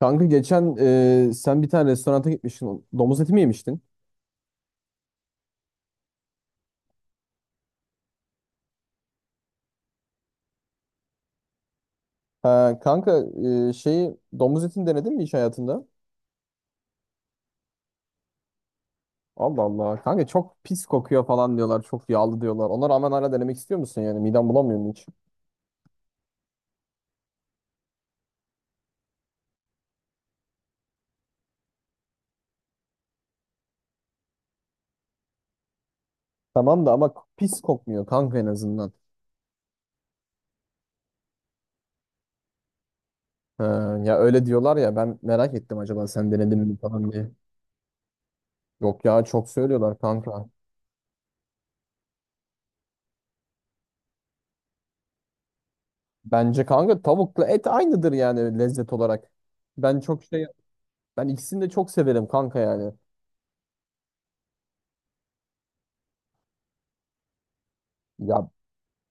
Kanka geçen sen bir tane restoranta gitmiştin. Domuz eti mi yemiştin? Ha, kanka şeyi domuz etini denedin mi hiç hayatında? Allah Allah. Kanka çok pis kokuyor falan diyorlar. Çok yağlı diyorlar. Ona rağmen hala denemek istiyor musun yani? Miden bulamıyor mu hiç? Tamam da ama pis kokmuyor kanka en azından. Ha, ya öyle diyorlar ya ben merak ettim acaba sen denedin mi falan diye. Yok ya çok söylüyorlar kanka. Bence kanka tavukla et aynıdır yani lezzet olarak. Ben çok şey ben ikisini de çok severim kanka yani. Ya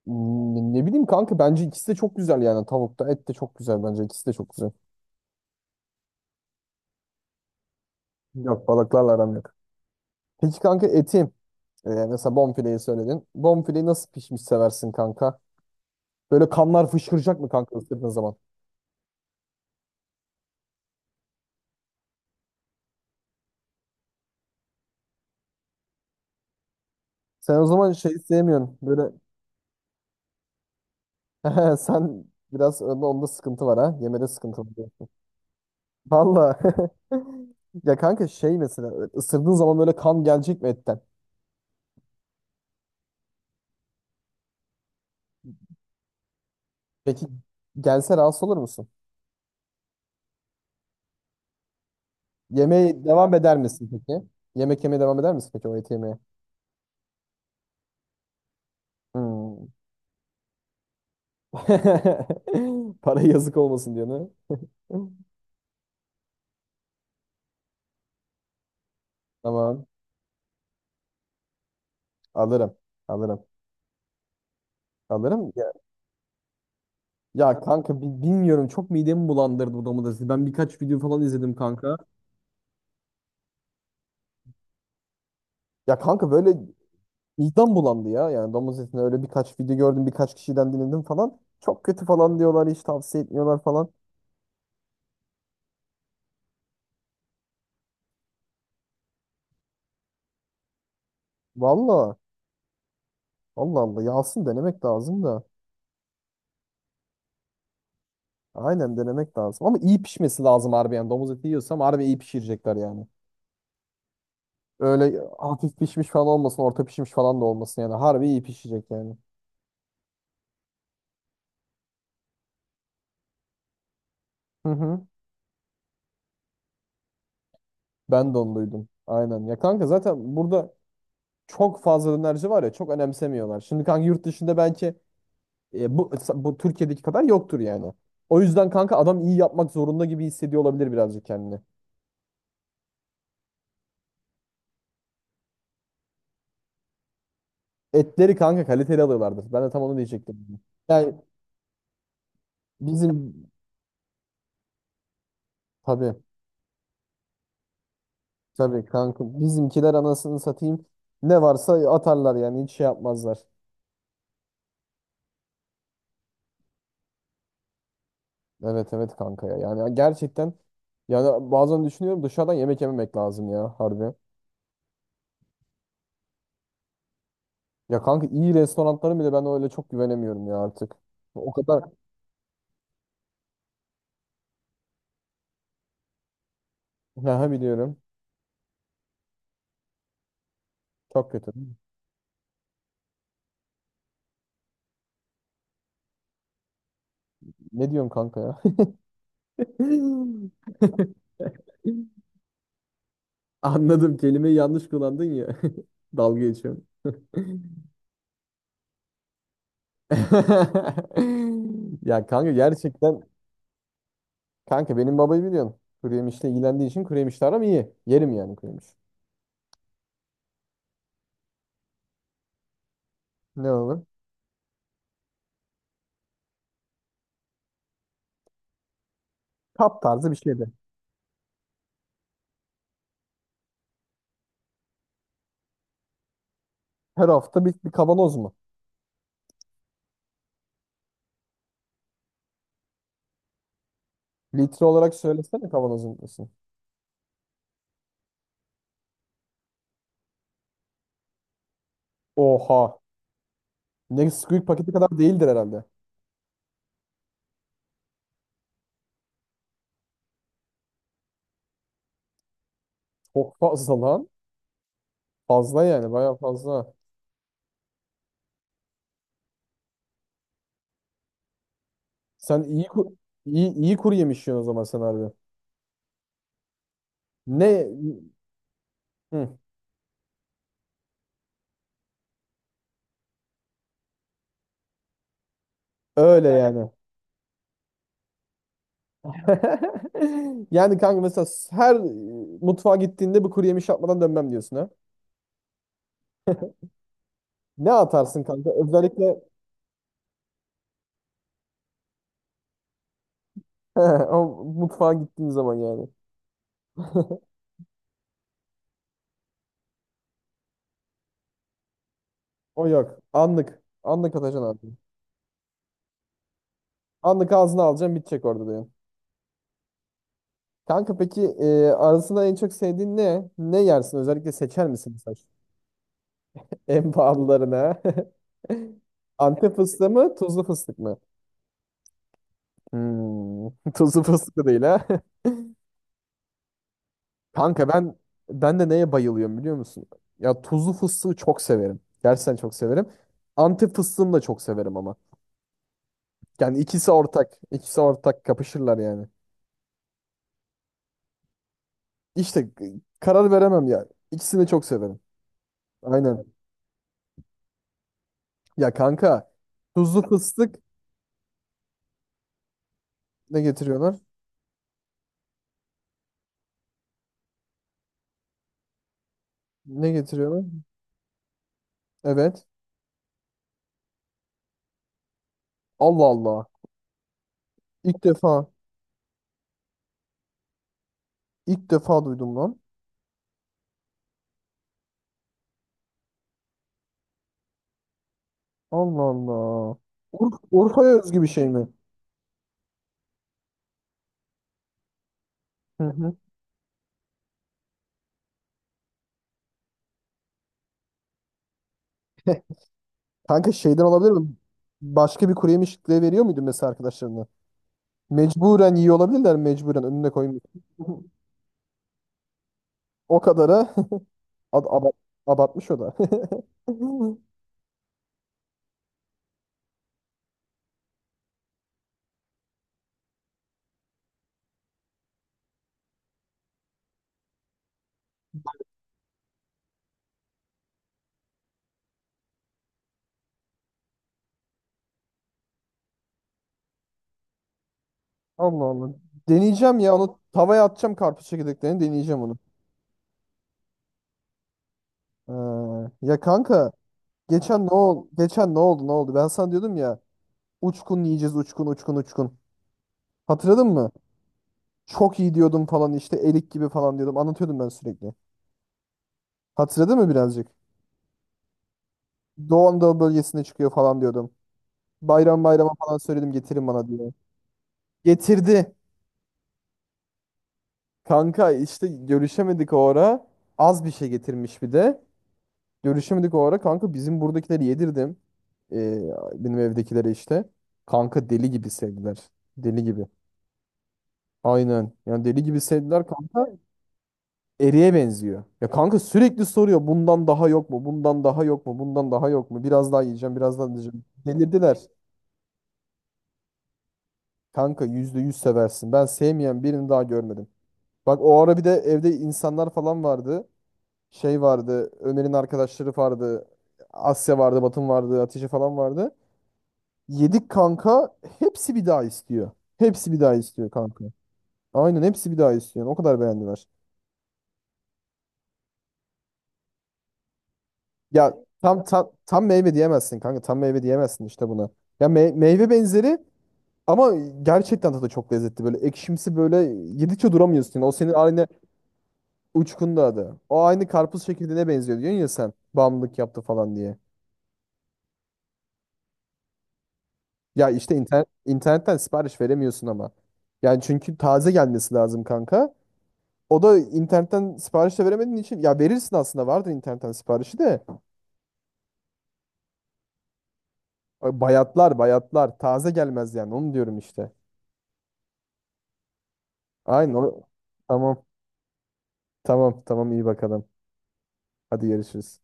ne bileyim kanka bence ikisi de çok güzel yani tavuk da et de çok güzel bence ikisi de çok güzel. Yok balıklarla aram yok. Peki kanka mesela bonfileyi söyledin. Bonfileyi nasıl pişmiş seversin kanka? Böyle kanlar fışkıracak mı kanka ısırdığın zaman? Sen o zaman şey sevmiyorsun. Böyle sen biraz onda sıkıntı var ha. Yemede sıkıntı var. Valla. Ya kanka şey mesela ısırdığın zaman böyle kan gelecek mi etten? Peki gelse rahatsız olur musun? Yemeğe devam eder misin peki? Yemek yemeye devam eder misin peki o eti yemeye? Hmm. Para yazık olmasın diyor ne? Tamam. Alırım. Alırım. Alırım. Ya. Ya kanka bilmiyorum, çok midemi bulandırdı bu domates. Ben birkaç video falan izledim kanka. Ya kanka böyle vicdan bulandı ya. Yani domuz etini öyle birkaç video gördüm, birkaç kişiden dinledim falan. Çok kötü falan diyorlar, hiç tavsiye etmiyorlar falan. Valla, Allah Allah. Yağsın denemek lazım da. Aynen denemek lazım. Ama iyi pişmesi lazım harbi yani. Domuz eti yiyorsam harbi iyi pişirecekler yani. Öyle hafif pişmiş falan olmasın, orta pişmiş falan da olmasın yani. Harbi iyi pişecek yani. Hı hı. Ben de onu duydum. Aynen. Ya kanka zaten burada çok fazla dönerci var ya, çok önemsemiyorlar. Şimdi kanka yurt dışında belki bu Türkiye'deki kadar yoktur yani. O yüzden kanka adam iyi yapmak zorunda gibi hissediyor olabilir birazcık kendini. Etleri kanka kaliteli alıyorlardır. Ben de tam onu diyecektim. Yani bizim tabii tabii kanka bizimkiler, anasını satayım, ne varsa atarlar yani, hiç şey yapmazlar. Evet evet kanka ya. Yani gerçekten, yani bazen düşünüyorum dışarıdan yemek yememek lazım ya harbi. Ya kanka iyi restoranların bile ben öyle çok güvenemiyorum ya artık. O kadar ha, biliyorum. Çok kötü. Ne diyorum kanka ya? Anladım. Kelimeyi yanlış kullandın ya. Dalga geçiyorum. Ya kanka gerçekten, kanka benim babayı biliyorsun. Kuru yemişle ilgilendiği için kuru yemişle aram iyi. Yerim yani kuru yemiş. Ne olur? Kap tarzı bir şeydi. Her hafta bir kavanoz mu? Litre olarak söylesene, kavanozun nasıl? Oha. Ne squeak paketi kadar değildir herhalde. Çok fazla lan. Fazla yani, bayağı fazla. Sen iyi kuru yemiş yiyorsun o zaman sen harbi. Ne Hı, öyle yani. Yani kanka mesela her mutfağa gittiğinde bir kuru yemiş yapmadan dönmem diyorsun ha. Ne atarsın kanka? Özellikle o mutfağa gittiğin zaman yani. O yok. Anlık. Anlık atacaksın abi. Anlık ağzına alacaksın, bitecek orada diyorsun. Kanka peki arasında en çok sevdiğin ne? Ne yersin? Özellikle seçer misin mesela? En pahalılarına. Antep fıstığı mı? Tuzlu fıstık mı? Hmm, tuzlu fıstık da değil ha. Kanka ben de neye bayılıyorum biliyor musun? Ya tuzlu fıstığı çok severim. Gerçekten çok severim. Antep fıstığını da çok severim ama. Yani ikisi ortak. İkisi ortak, kapışırlar yani. İşte karar veremem ya. İkisini de çok severim. Aynen. Ya kanka tuzlu fıstık, ne getiriyorlar? Ne getiriyorlar? Evet. Allah Allah. İlk defa ilk defa duydum lan. Allah Allah. Urfa'ya özgü bir şey mi? Hı hı. Kanka şeyden olabilir mi? Başka bir kuru yemişliğe veriyor muydun mesela arkadaşlarına? Mecburen yiyor olabilirler, mecburen önüne koymuş. O kadara ad- aba- abartmış o da. Allah Allah. Deneyeceğim ya, onu tavaya atacağım karpuz çekirdeklerini, deneyeceğim onu. Ya kanka, geçen ne oldu? Geçen ne oldu? Ne oldu? Ben sana diyordum ya, uçkun yiyeceğiz uçkun uçkun uçkun. Hatırladın mı? Çok iyi diyordum falan, işte erik gibi falan diyordum. Anlatıyordum ben sürekli. Hatırladın mı birazcık? Doğu Anadolu bölgesinde çıkıyor falan diyordum. Bayram bayrama falan söyledim getirin bana diye. Getirdi. Kanka işte görüşemedik o ara. Az bir şey getirmiş bir de. Görüşemedik o ara. Kanka bizim buradakileri yedirdim. Ee, benim evdekileri işte. Kanka deli gibi sevdiler. Deli gibi. Aynen. Yani deli gibi sevdiler kanka. Eriye benziyor. Ya kanka sürekli soruyor. Bundan daha yok mu? Bundan daha yok mu? Bundan daha yok mu? Biraz daha yiyeceğim. Biraz daha yiyeceğim. Delirdiler. Kanka 100% seversin. Ben sevmeyen birini daha görmedim. Bak o ara bir de evde insanlar falan vardı. Şey vardı, Ömer'in arkadaşları vardı. Asya vardı, Batın vardı, Hatice falan vardı. Yedik kanka. Hepsi bir daha istiyor. Hepsi bir daha istiyor kanka. Aynen, hepsi bir daha istiyor. O kadar beğendiler. Ya tam meyve diyemezsin kanka. Tam meyve diyemezsin işte buna. Ya meyve benzeri, ama gerçekten tadı çok lezzetli. Böyle ekşimsi, böyle yedikçe duramıyorsun. O senin aynı uçkunda adı. O aynı karpuz çekirdeğine benziyor diyorsun ya sen. Bağımlılık yaptı falan diye. Ya işte internetten sipariş veremiyorsun ama. Yani çünkü taze gelmesi lazım kanka. O da internetten sipariş de veremediğin için, ya verirsin aslında, vardır internetten siparişi de, bayatlar bayatlar, taze gelmez yani, onu diyorum işte. Aynen. Tamam, tamam, tamam, iyi bakalım. Hadi görüşürüz.